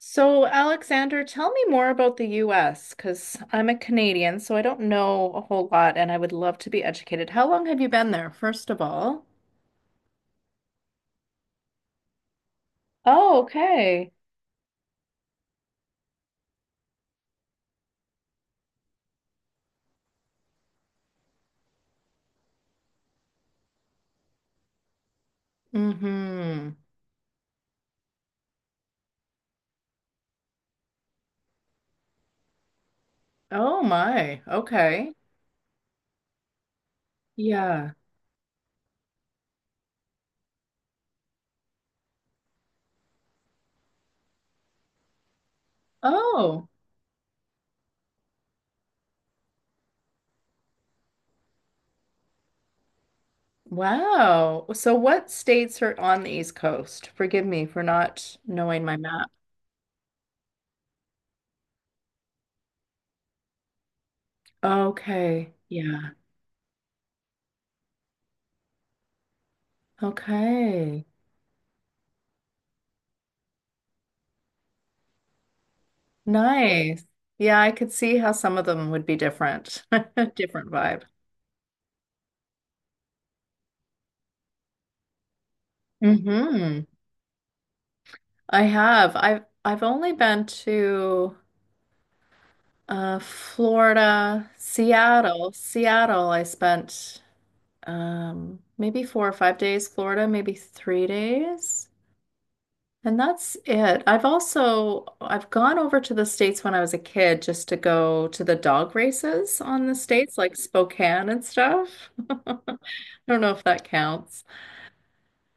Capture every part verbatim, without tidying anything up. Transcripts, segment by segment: So, Alexander, tell me more about the U S because I'm a Canadian, so I don't know a whole lot and I would love to be educated. How long have you been there, first of all? Oh, okay. Mm-hmm. Oh my. Okay. Yeah. Oh, wow. So what states are on the East Coast? Forgive me for not knowing my map. Okay. Yeah. Okay. Nice. Yeah, I could see how some of them would be different. Different vibe. Hmm. I have. I've I've only been to uh Florida, Seattle. Seattle, I spent um maybe four or five days, Florida, maybe three days. And that's it. I've also I've gone over to the States when I was a kid just to go to the dog races on the States, like Spokane and stuff. I don't know if that counts.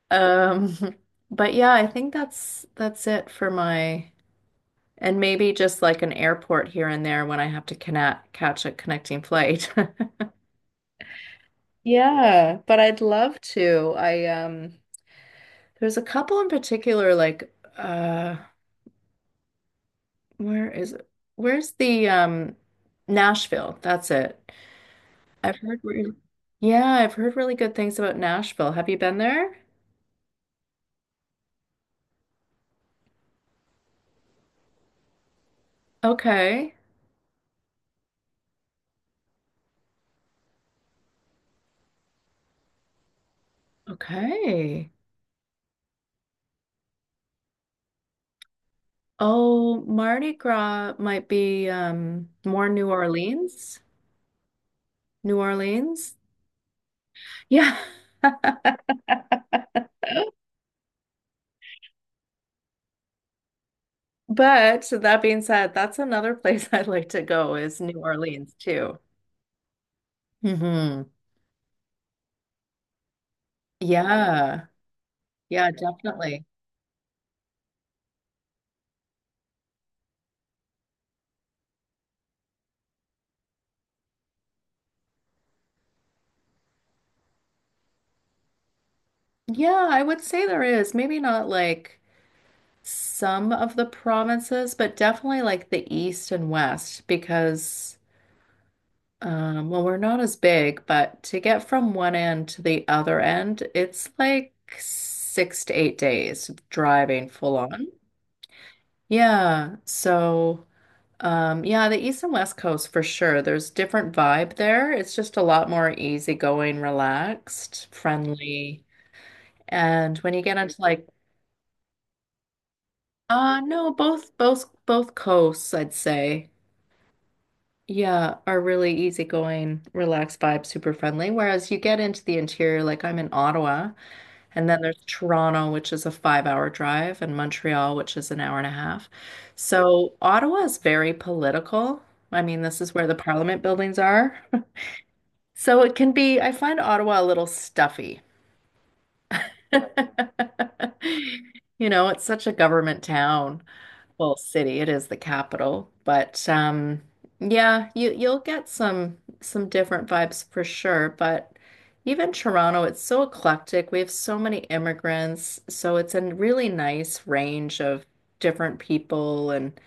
Um, but yeah, I think that's that's it for my. And maybe just like an airport here and there when I have to connect catch a connecting flight. Yeah, but I'd love to. I um there's a couple in particular like uh where is it? Where's the um Nashville? That's it. I've heard re- yeah, I've heard really good things about Nashville. Have you been there? Okay. Okay. Oh, Mardi Gras might be um more New Orleans. New Orleans. Yeah. But so that being said, that's another place I'd like to go is New Orleans too. Hmm. Yeah. Yeah, definitely. Yeah, I would say there is. Maybe not like some of the provinces, but definitely like the east and west because um well, we're not as big, but to get from one end to the other end, it's like six to eight days driving full on. Yeah. So, um, yeah, the East and West Coast for sure. There's different vibe there. It's just a lot more easygoing, relaxed, friendly. And when you get into like, uh no, both both both coasts, I'd say, yeah, are really easygoing, relaxed vibe, super friendly. Whereas you get into the interior, like I'm in Ottawa, and then there's Toronto, which is a five hour drive, and Montreal, which is an hour and a half. So Ottawa is very political. I mean, this is where the parliament buildings are. So it can be, I find Ottawa a little stuffy. You know, it's such a government town, well, city, it is the capital, but um yeah, you you'll get some some different vibes for sure, but even Toronto, it's so eclectic. We have so many immigrants, so it's a really nice range of different people and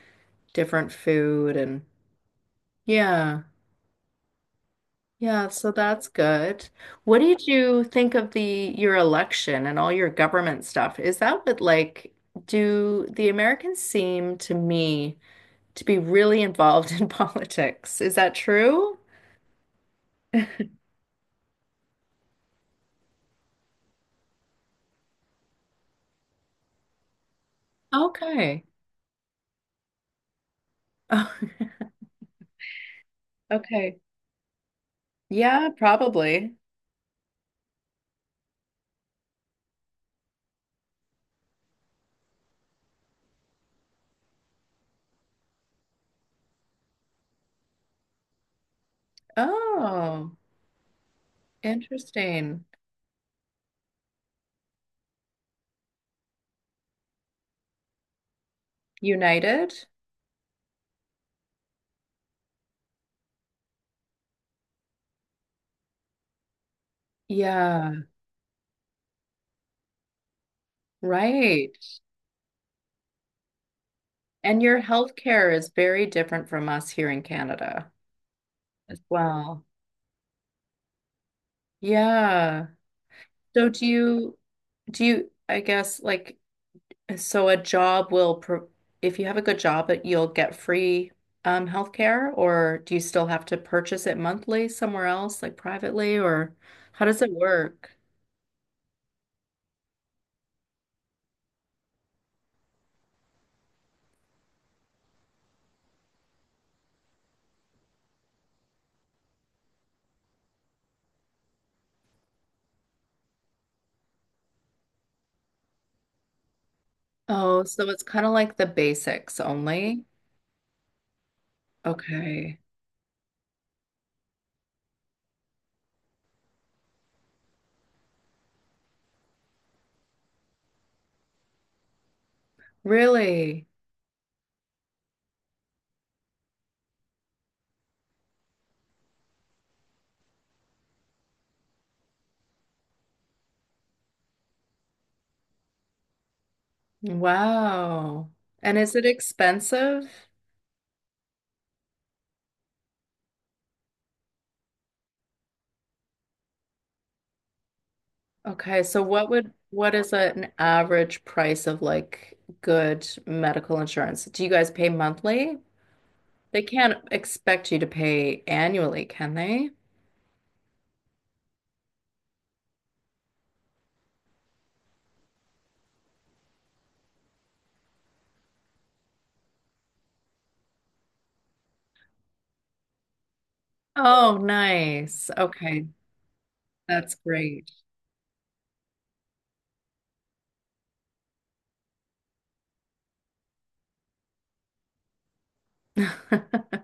different food and yeah. Yeah, so that's good. What did you think of the your election and all your government stuff? Is that what like do the Americans seem to me to be really involved in politics? Is that true? Okay. Oh, okay. Yeah, probably. Oh, interesting. United? Yeah, right. And your healthcare is very different from us here in Canada as well. Yeah. So do you do you I guess like so a job will pro if you have a good job it you'll get free um healthcare or do you still have to purchase it monthly somewhere else like privately or how does it work? Oh, so it's kind of like the basics only. Okay. Really? Wow. And is it expensive? Okay, so what would what is an average price of like good medical insurance? Do you guys pay monthly? They can't expect you to pay annually, can they? Oh, nice. Okay, that's great.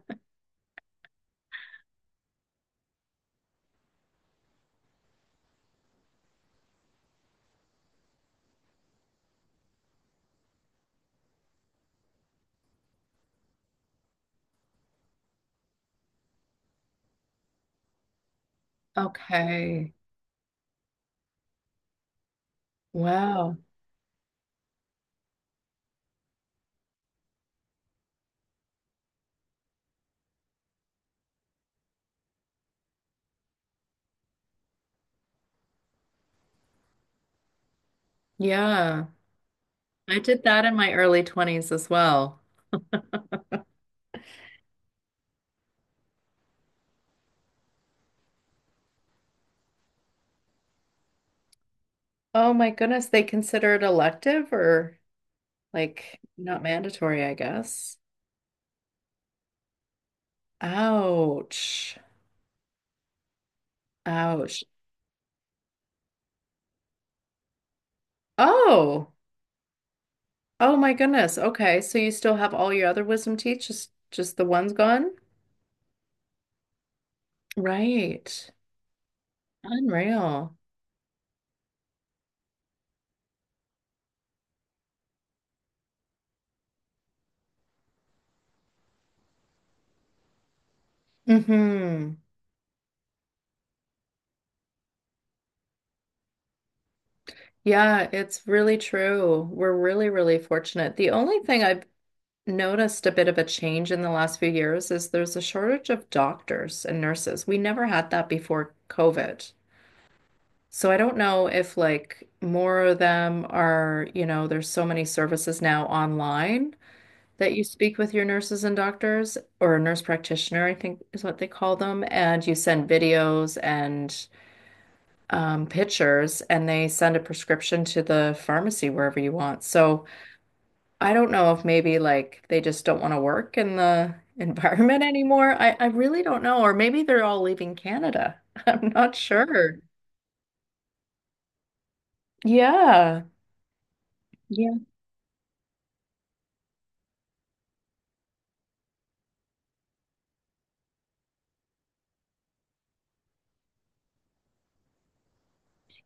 Okay. Wow. Yeah. I did that in my early twenties as well. Oh my goodness, they consider it elective or like not mandatory, I guess. Ouch. Ouch. Oh. Oh my goodness. Okay. So you still have all your other wisdom teeth, just just the one's gone? Right. Unreal. Mm-hmm. Yeah, it's really true. We're really, really fortunate. The only thing I've noticed a bit of a change in the last few years is there's a shortage of doctors and nurses. We never had that before COVID. So I don't know if like more of them are, you know, there's so many services now online that you speak with your nurses and doctors, or a nurse practitioner, I think is what they call them, and you send videos and um, pictures, and they send a prescription to the pharmacy wherever you want. So I don't know if maybe like they just don't want to work in the environment anymore. I, I really don't know. Or maybe they're all leaving Canada. I'm not sure. Yeah. Yeah.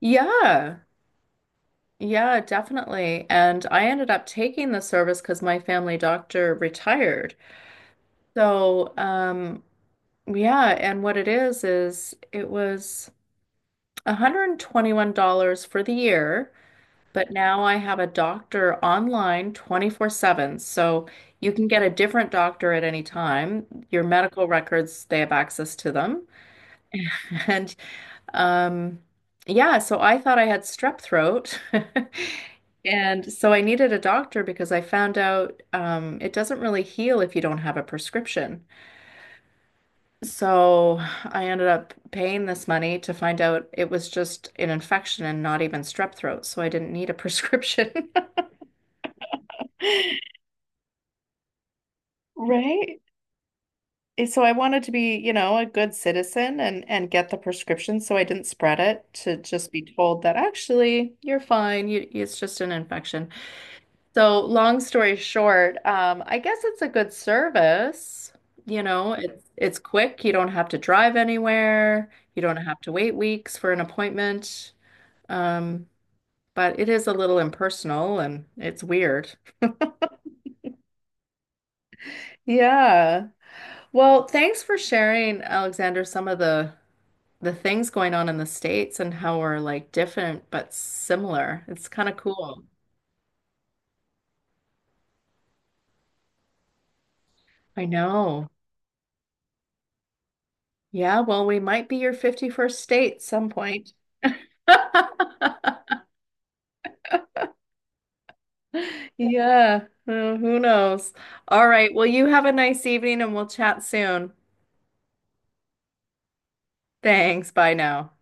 Yeah. Yeah, definitely. And I ended up taking the service because my family doctor retired. So, um, yeah, and what it is is it was one hundred twenty-one dollars for the year, but now I have a doctor online twenty-four seven. So you can get a different doctor at any time. Your medical records, they have access to them. And um, yeah, so I thought I had strep throat. And so I needed a doctor because I found out um, it doesn't really heal if you don't have a prescription. So I ended up paying this money to find out it was just an infection and not even strep throat, so I didn't need a prescription. Right? And so I wanted to be, you know, a good citizen and and get the prescription so I didn't spread it to just be told that actually you're fine. You, it's just an infection. So long story short, um, I guess it's a good service. You know, it's it's quick. You don't have to drive anywhere. You don't have to wait weeks for an appointment. Um, but it is a little impersonal and it's weird. Yeah. Well, thanks for sharing, Alexander, some of the the things going on in the States and how we're like different but similar. It's kind of cool. I know. Yeah, well, we might be your fifty-first state some point. Yeah, who who knows? All right. Well, you have a nice evening and we'll chat soon. Thanks. Bye now.